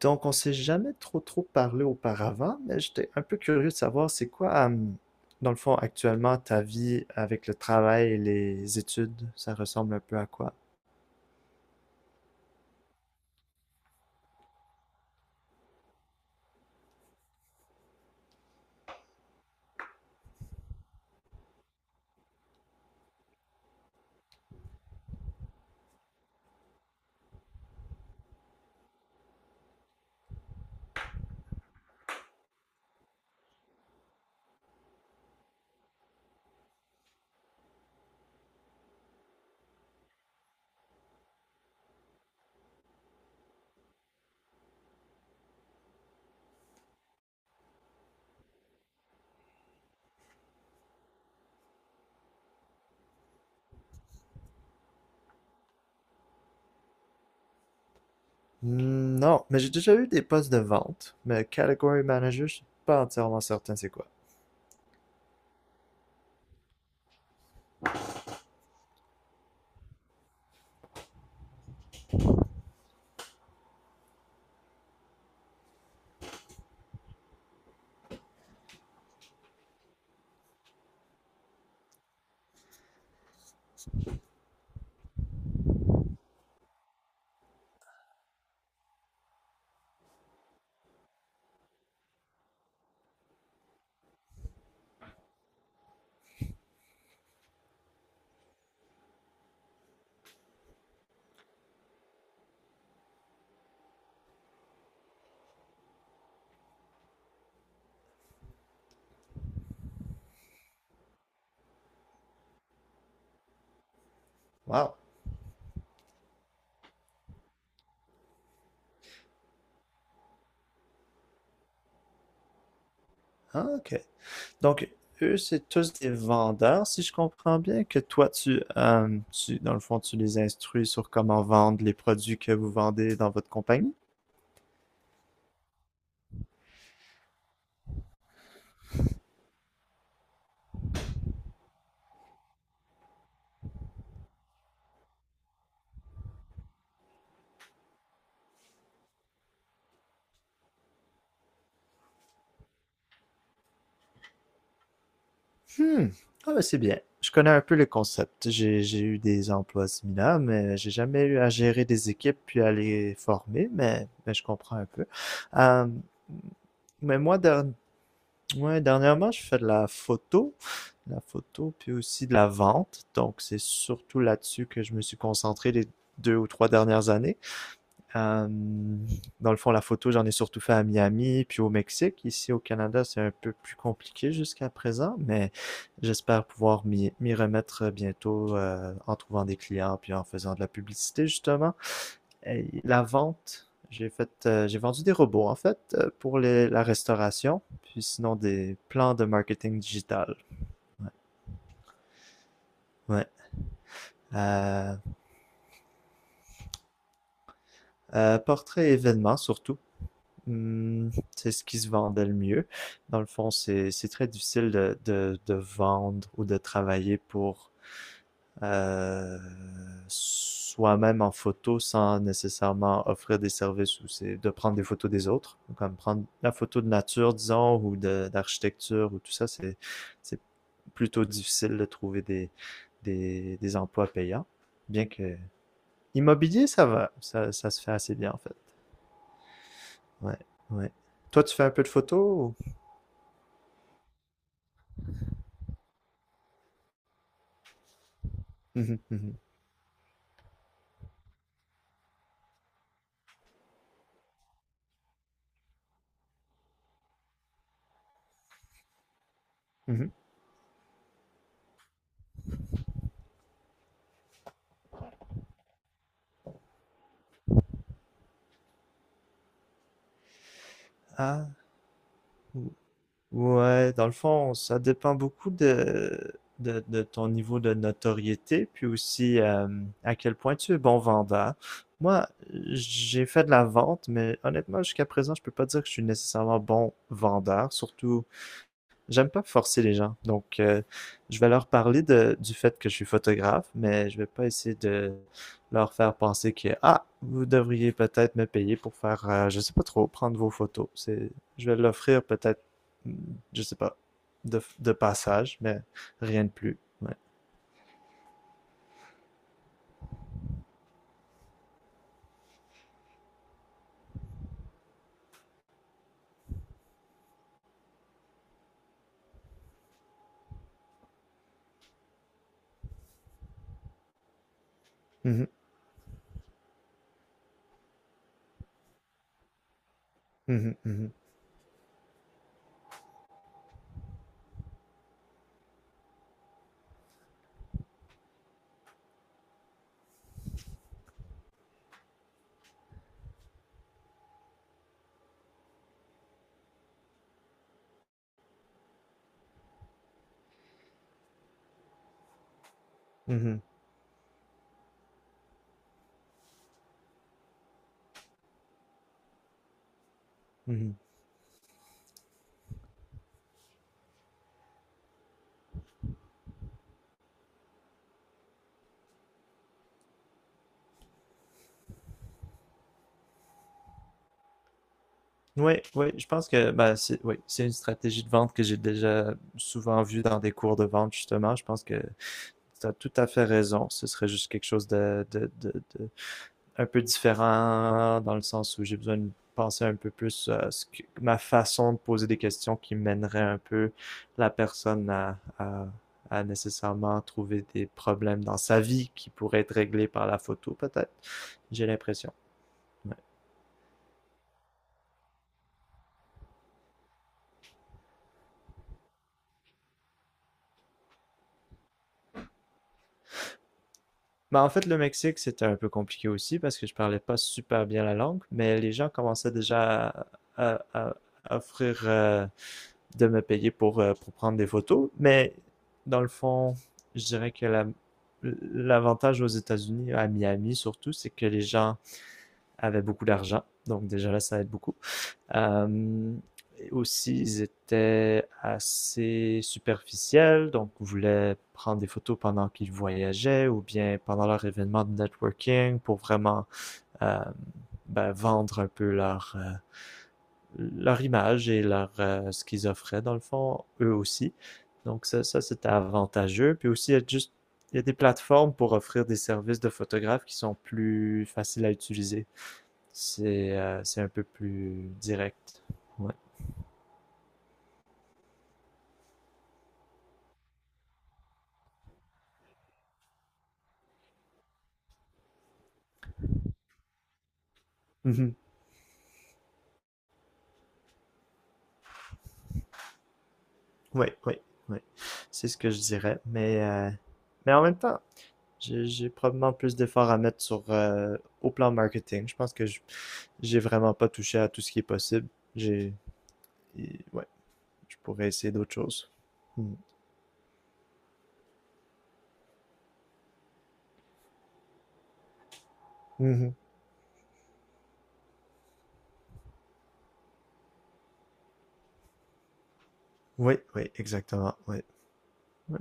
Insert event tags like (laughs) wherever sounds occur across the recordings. Donc, on s'est jamais trop parlé auparavant, mais j'étais un peu curieux de savoir c'est quoi, dans le fond, actuellement, ta vie avec le travail et les études, ça ressemble un peu à quoi? Hmm. Non, mais j'ai déjà eu des postes de vente, mais category manager, je suis pas entièrement certain c'est quoi. Wow. Ah, ok. Donc, eux, c'est tous des vendeurs, si je comprends bien, que toi, tu, dans le fond, tu les instruis sur comment vendre les produits que vous vendez dans votre compagnie? Hmm. Ah ben, c'est bien. Je connais un peu le concept. J'ai eu des emplois similaires, mais j'ai jamais eu à gérer des équipes puis à les former, mais je comprends un peu. Euh, mais moi, ouais, dernièrement, je fais de la photo, puis aussi de la vente. Donc, c'est surtout là-dessus que je me suis concentré les deux ou trois dernières années. Euh, Dans le fond, la photo, j'en ai surtout fait à Miami, puis au Mexique. Ici, au Canada, c'est un peu plus compliqué jusqu'à présent, mais j'espère pouvoir m'y remettre bientôt en trouvant des clients, puis en faisant de la publicité, justement. Et la vente, j'ai vendu des robots, en fait, pour la restauration, puis sinon des plans de marketing digital. Ouais. Euh, Portrait événement, surtout. Hmm, c'est ce qui se vendait le mieux. Dans le fond, c'est très difficile de vendre ou de travailler pour euh, soi-même en photo sans nécessairement offrir des services ou c'est de prendre des photos des autres. Comme prendre la photo de nature, disons, ou de d'architecture ou tout ça, c'est plutôt difficile de trouver des emplois payants. Bien que immobilier, ça va, ça se fait assez bien en fait. Ouais, ouais. Toi, tu fais un peu de photos ou... Mhm, mhm, mhm. Ah, ou- ouais, dans le fond, ça dépend beaucoup de ton niveau de notoriété, puis aussi à quel point tu es bon vendeur. Moi, j'ai fait de la vente, mais honnêtement, jusqu'à présent, je peux pas dire que je suis nécessairement bon vendeur, surtout j'aime pas forcer les gens. Donc, je vais leur parler du fait que je suis photographe, mais je vais pas essayer de leur faire penser que, ah, vous devriez peut-être me payer pour faire, je sais pas trop, prendre vos photos. C'est, je vais l'offrir peut-être, je sais pas, de passage, mais rien de plus. Ouais. Mhm, mhm, mhm, mhm, mhm. Oui, oui, je pense que bah, c'est oui, c'est une stratégie de vente que j'ai déjà souvent vue dans des cours de vente, justement. Je pense que tu as tout à fait raison. Ce serait juste quelque chose un peu différent dans le sens où j'ai besoin de penser un peu plus à ce que, ma façon de poser des questions qui mènerait un peu la personne à nécessairement trouver des problèmes dans sa vie qui pourraient être réglés par la photo, peut-être. J'ai l'impression. Ouais. Bah, en fait, le Mexique, c'était un peu compliqué aussi parce que je parlais pas super bien la langue, mais les gens commençaient déjà à, à- à offrir de me payer pour prendre des photos. Mais dans le fond, je dirais que la, l'avantage aux États-Unis, à Miami surtout, c'est que les gens avaient beaucoup d'argent. Donc déjà là, ça aide beaucoup. Euh, Aussi, ils étaient assez superficiels, donc voulaient prendre des photos pendant qu'ils voyageaient ou bien pendant leur événement de networking pour vraiment euh, ben, vendre un peu leur, leur image et leur, ce qu'ils offraient, dans le fond, eux aussi. Donc ça c'était avantageux. Puis aussi, il y a juste il y a des plateformes pour offrir des services de photographes qui sont plus faciles à utiliser. C'est un peu plus direct. Ouais. Mhm. Ouais, ouais, ouais. C'est ce que je dirais. Mais en même temps, j'ai probablement plus d'efforts à mettre sur au plan marketing. Je pense que j'ai vraiment pas touché à tout ce qui est possible. J'ai. Ouais. Je pourrais essayer d'autres choses. Hmm. Mhm. Oui, oui, exactement. Oui. Oui.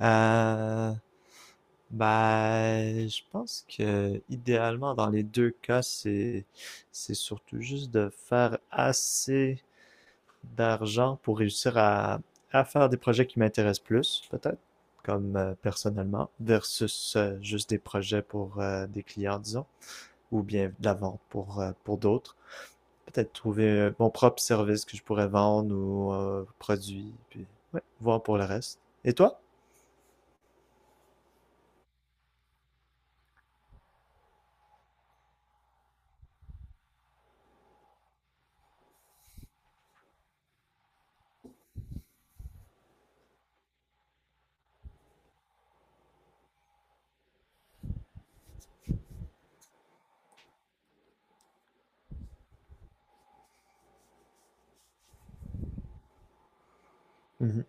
Euh, ben, je pense que idéalement, dans les deux cas, c'est surtout juste de faire assez d'argent pour réussir à faire des projets qui m'intéressent plus, peut-être, comme personnellement, versus juste des projets pour des clients, disons, ou bien de la vente pour d'autres. Peut-être trouver mon propre service que je pourrais vendre ou produit, puis ouais, voir pour le reste. Et toi? Mhm.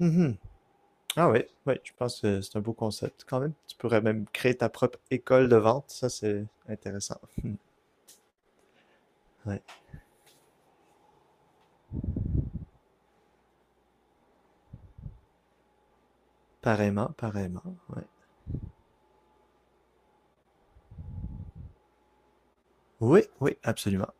Mhm. Ah oui, oui, je pense que c'est un beau concept quand même. Tu pourrais même créer ta propre école de vente, ça c'est intéressant. (laughs) Mm. Ouais. Pareillement, pareillement, ouais. Oui, oui, absolument.